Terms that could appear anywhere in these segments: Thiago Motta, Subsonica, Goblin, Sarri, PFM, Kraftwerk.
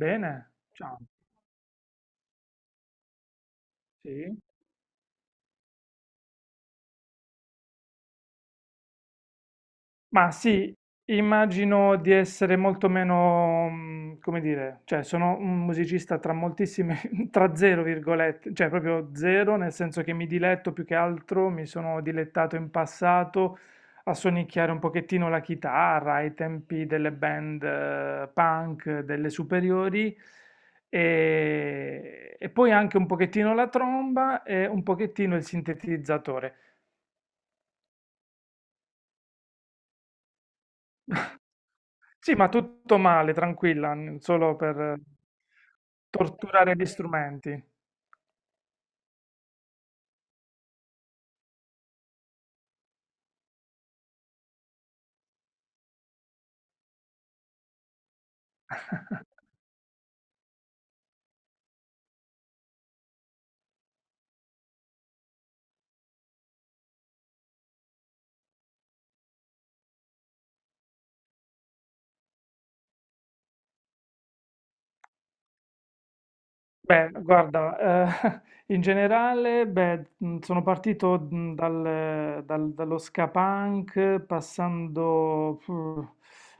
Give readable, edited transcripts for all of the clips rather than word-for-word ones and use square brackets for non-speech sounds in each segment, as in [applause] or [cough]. Bene, ciao. Sì. Ma sì, immagino di essere molto meno, come dire, cioè sono un musicista tra moltissime, [laughs] tra zero virgolette, cioè proprio zero, nel senso che mi diletto più che altro, mi sono dilettato in passato a sonicchiare un pochettino la chitarra ai tempi delle band punk delle superiori e poi anche un pochettino la tromba e un pochettino il sintetizzatore. Sì, ma tutto male, tranquilla, solo per torturare gli strumenti. Beh, guarda, [laughs] in generale, beh, sono partito dallo ska punk,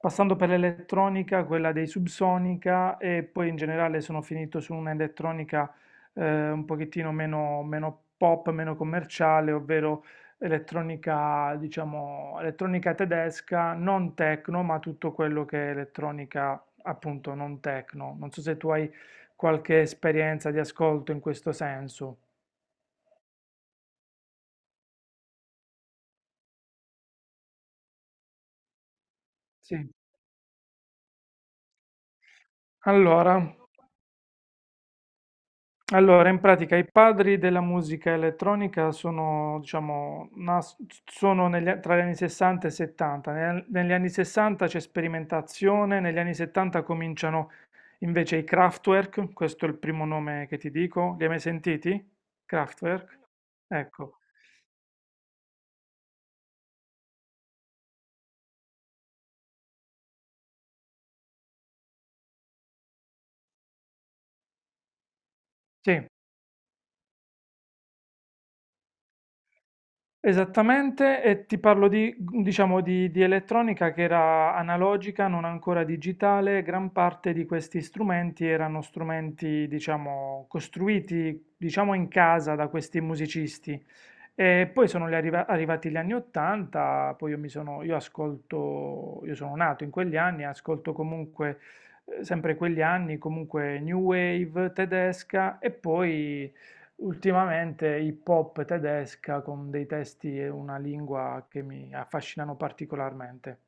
passando per l'elettronica, quella dei Subsonica, e poi in generale sono finito su un'elettronica un pochettino meno, meno pop, meno commerciale, ovvero elettronica, diciamo, elettronica tedesca, non techno, ma tutto quello che è elettronica, appunto, non techno. Non so se tu hai qualche esperienza di ascolto in questo senso. Sì. Allora, allora, in pratica i padri della musica elettronica sono, diciamo, sono tra gli anni 60 e 70. Negli anni 60 c'è sperimentazione, negli anni 70 cominciano invece i Kraftwerk, questo è il primo nome che ti dico. Li hai mai sentiti? Kraftwerk? Ecco. Sì. Esattamente, e ti parlo di, diciamo, di elettronica che era analogica, non ancora digitale. Gran parte di questi strumenti erano strumenti, diciamo, costruiti, diciamo, in casa da questi musicisti. E poi sono gli arrivati gli anni 80, poi io sono nato in quegli anni, ascolto comunque, sempre quegli anni, comunque New Wave tedesca e poi ultimamente hip hop tedesca con dei testi e una lingua che mi affascinano particolarmente.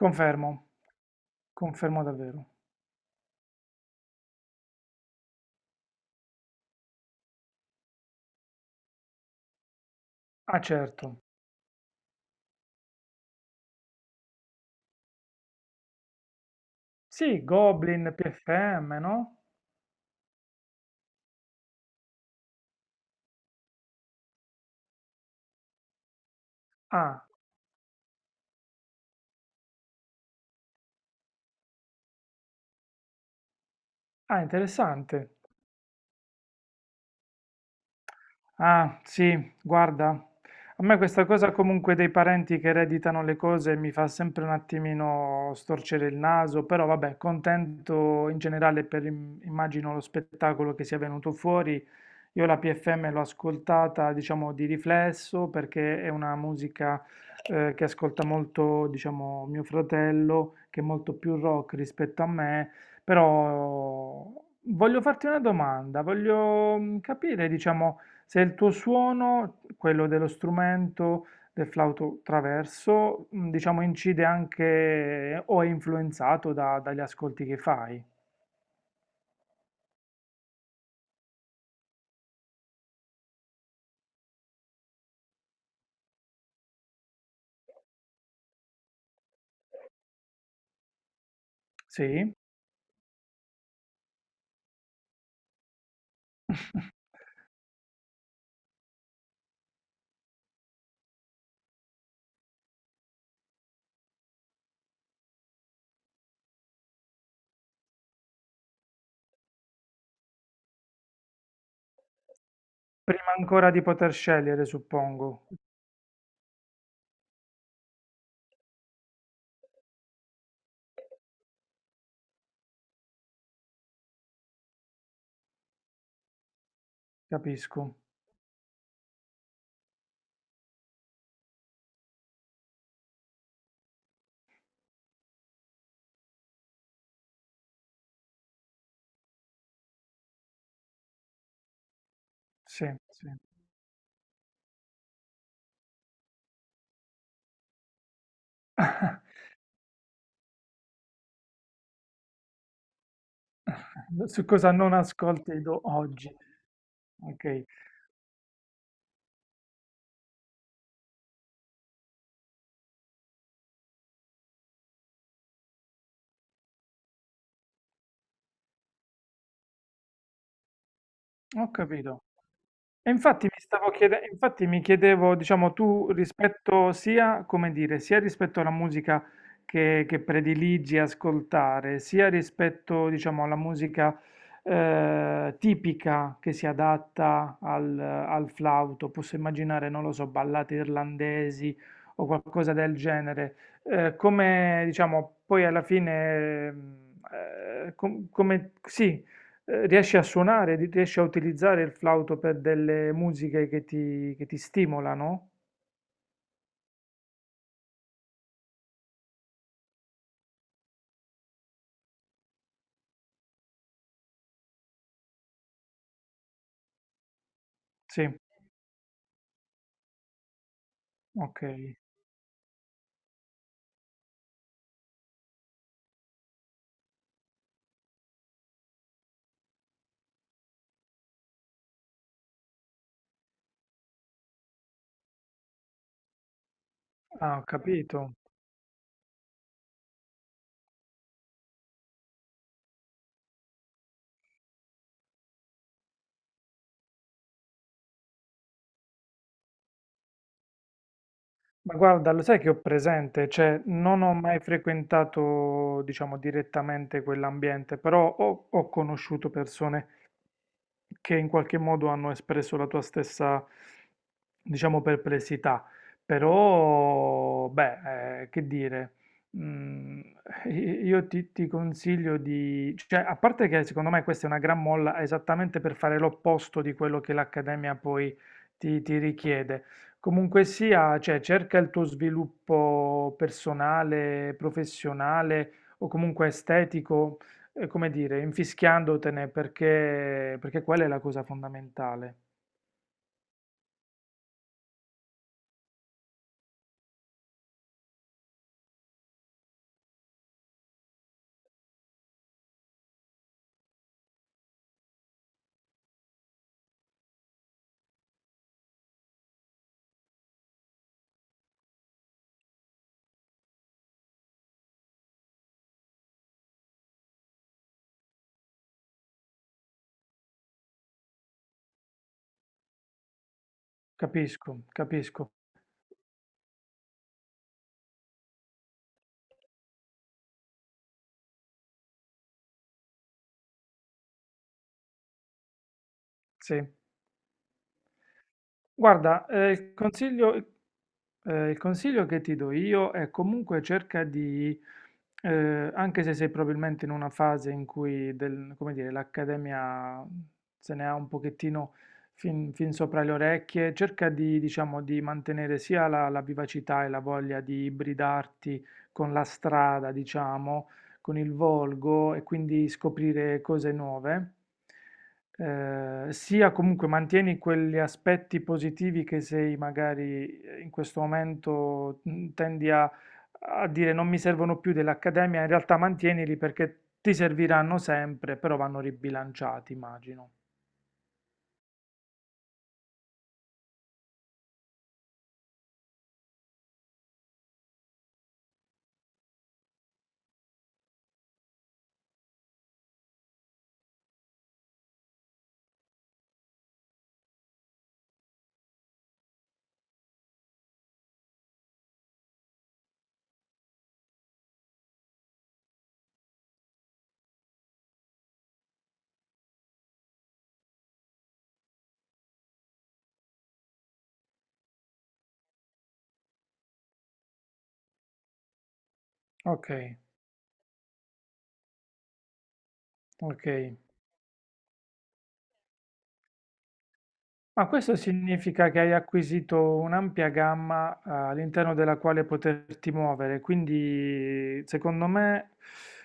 Confermo, confermo davvero. Ah, certo. Sì, Goblin, PFM, no? Ah, ah, interessante. Ah, sì, guarda, a me questa cosa comunque dei parenti che ereditano le cose mi fa sempre un attimino storcere il naso, però vabbè, contento in generale per immagino lo spettacolo che sia venuto fuori. Io la PFM l'ho ascoltata, diciamo, di riflesso perché è una musica che ascolta molto, diciamo, mio fratello, che è molto più rock rispetto a me. Però voglio farti una domanda, voglio capire, diciamo, se il tuo suono, quello dello strumento, del flauto traverso, diciamo incide anche o è influenzato dagli ascolti che fai. Sì. [laughs] Prima ancora di poter scegliere, suppongo. Capisco. Sì, sì. [laughs] Su cosa non ascolti oggi. Ok, ho capito. E infatti mi stavo infatti mi chiedevo, diciamo, tu rispetto sia, come dire, sia rispetto alla musica che prediligi ascoltare, sia rispetto, diciamo, alla musica tipica che si adatta al flauto, posso immaginare, non lo so, ballate irlandesi o qualcosa del genere, come, diciamo, poi alla fine, come, sì, riesci a suonare, riesci a utilizzare il flauto per delle musiche che ti stimolano? Sì, ok. Ah, ho capito. Ma guarda, lo sai che ho presente, cioè non ho mai frequentato, diciamo, direttamente quell'ambiente, però ho conosciuto persone che in qualche modo hanno espresso la tua stessa, diciamo, perplessità. Però, beh, che dire, mm, io ti consiglio di, cioè, a parte che secondo me questa è una gran molla esattamente per fare l'opposto di quello che l'Accademia poi ti richiede. Comunque sia, cioè, cerca il tuo sviluppo personale, professionale o comunque estetico come dire, infischiandotene perché quella è la cosa fondamentale. Capisco, capisco. Sì. Guarda, il consiglio che ti do io è comunque cerca di, anche se sei probabilmente in una fase in cui come dire, l'accademia se ne ha un pochettino fin sopra le orecchie, cerca di, diciamo, di mantenere sia la vivacità e la voglia di ibridarti con la strada, diciamo, con il volgo e quindi scoprire cose nuove sia comunque mantieni quegli aspetti positivi che sei magari in questo momento tendi a dire non mi servono più dell'accademia, in realtà mantienili perché ti serviranno sempre, però vanno ribilanciati, immagino. Ok, ok. Ma questo significa che hai acquisito un'ampia gamma, all'interno della quale poterti muovere, quindi secondo me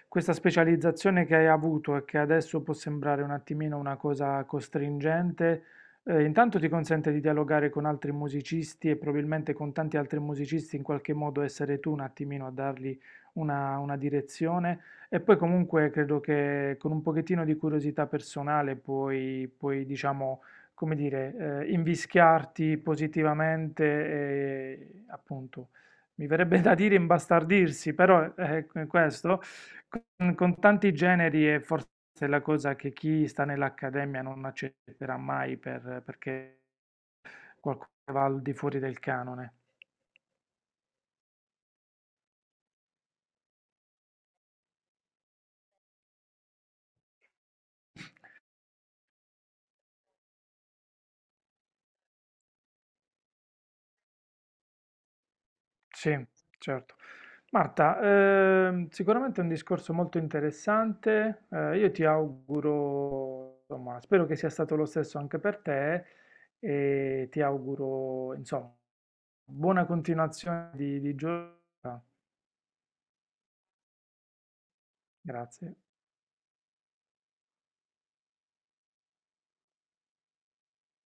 questa specializzazione che hai avuto e che adesso può sembrare un attimino una cosa costringente, intanto ti consente di dialogare con altri musicisti e probabilmente con tanti altri musicisti in qualche modo essere tu un attimino a dargli una direzione e poi comunque credo che con un pochettino di curiosità personale puoi diciamo come dire, invischiarti positivamente e appunto, mi verrebbe da dire imbastardirsi, però è questo, con, tanti generi è forse la cosa che chi sta nell'accademia non accetterà mai perché qualcosa va al di fuori del canone. Sì, certo. Marta, sicuramente è un discorso molto interessante. Io ti auguro, insomma, spero che sia stato lo stesso anche per te e ti auguro, insomma, buona continuazione di giornata. Grazie.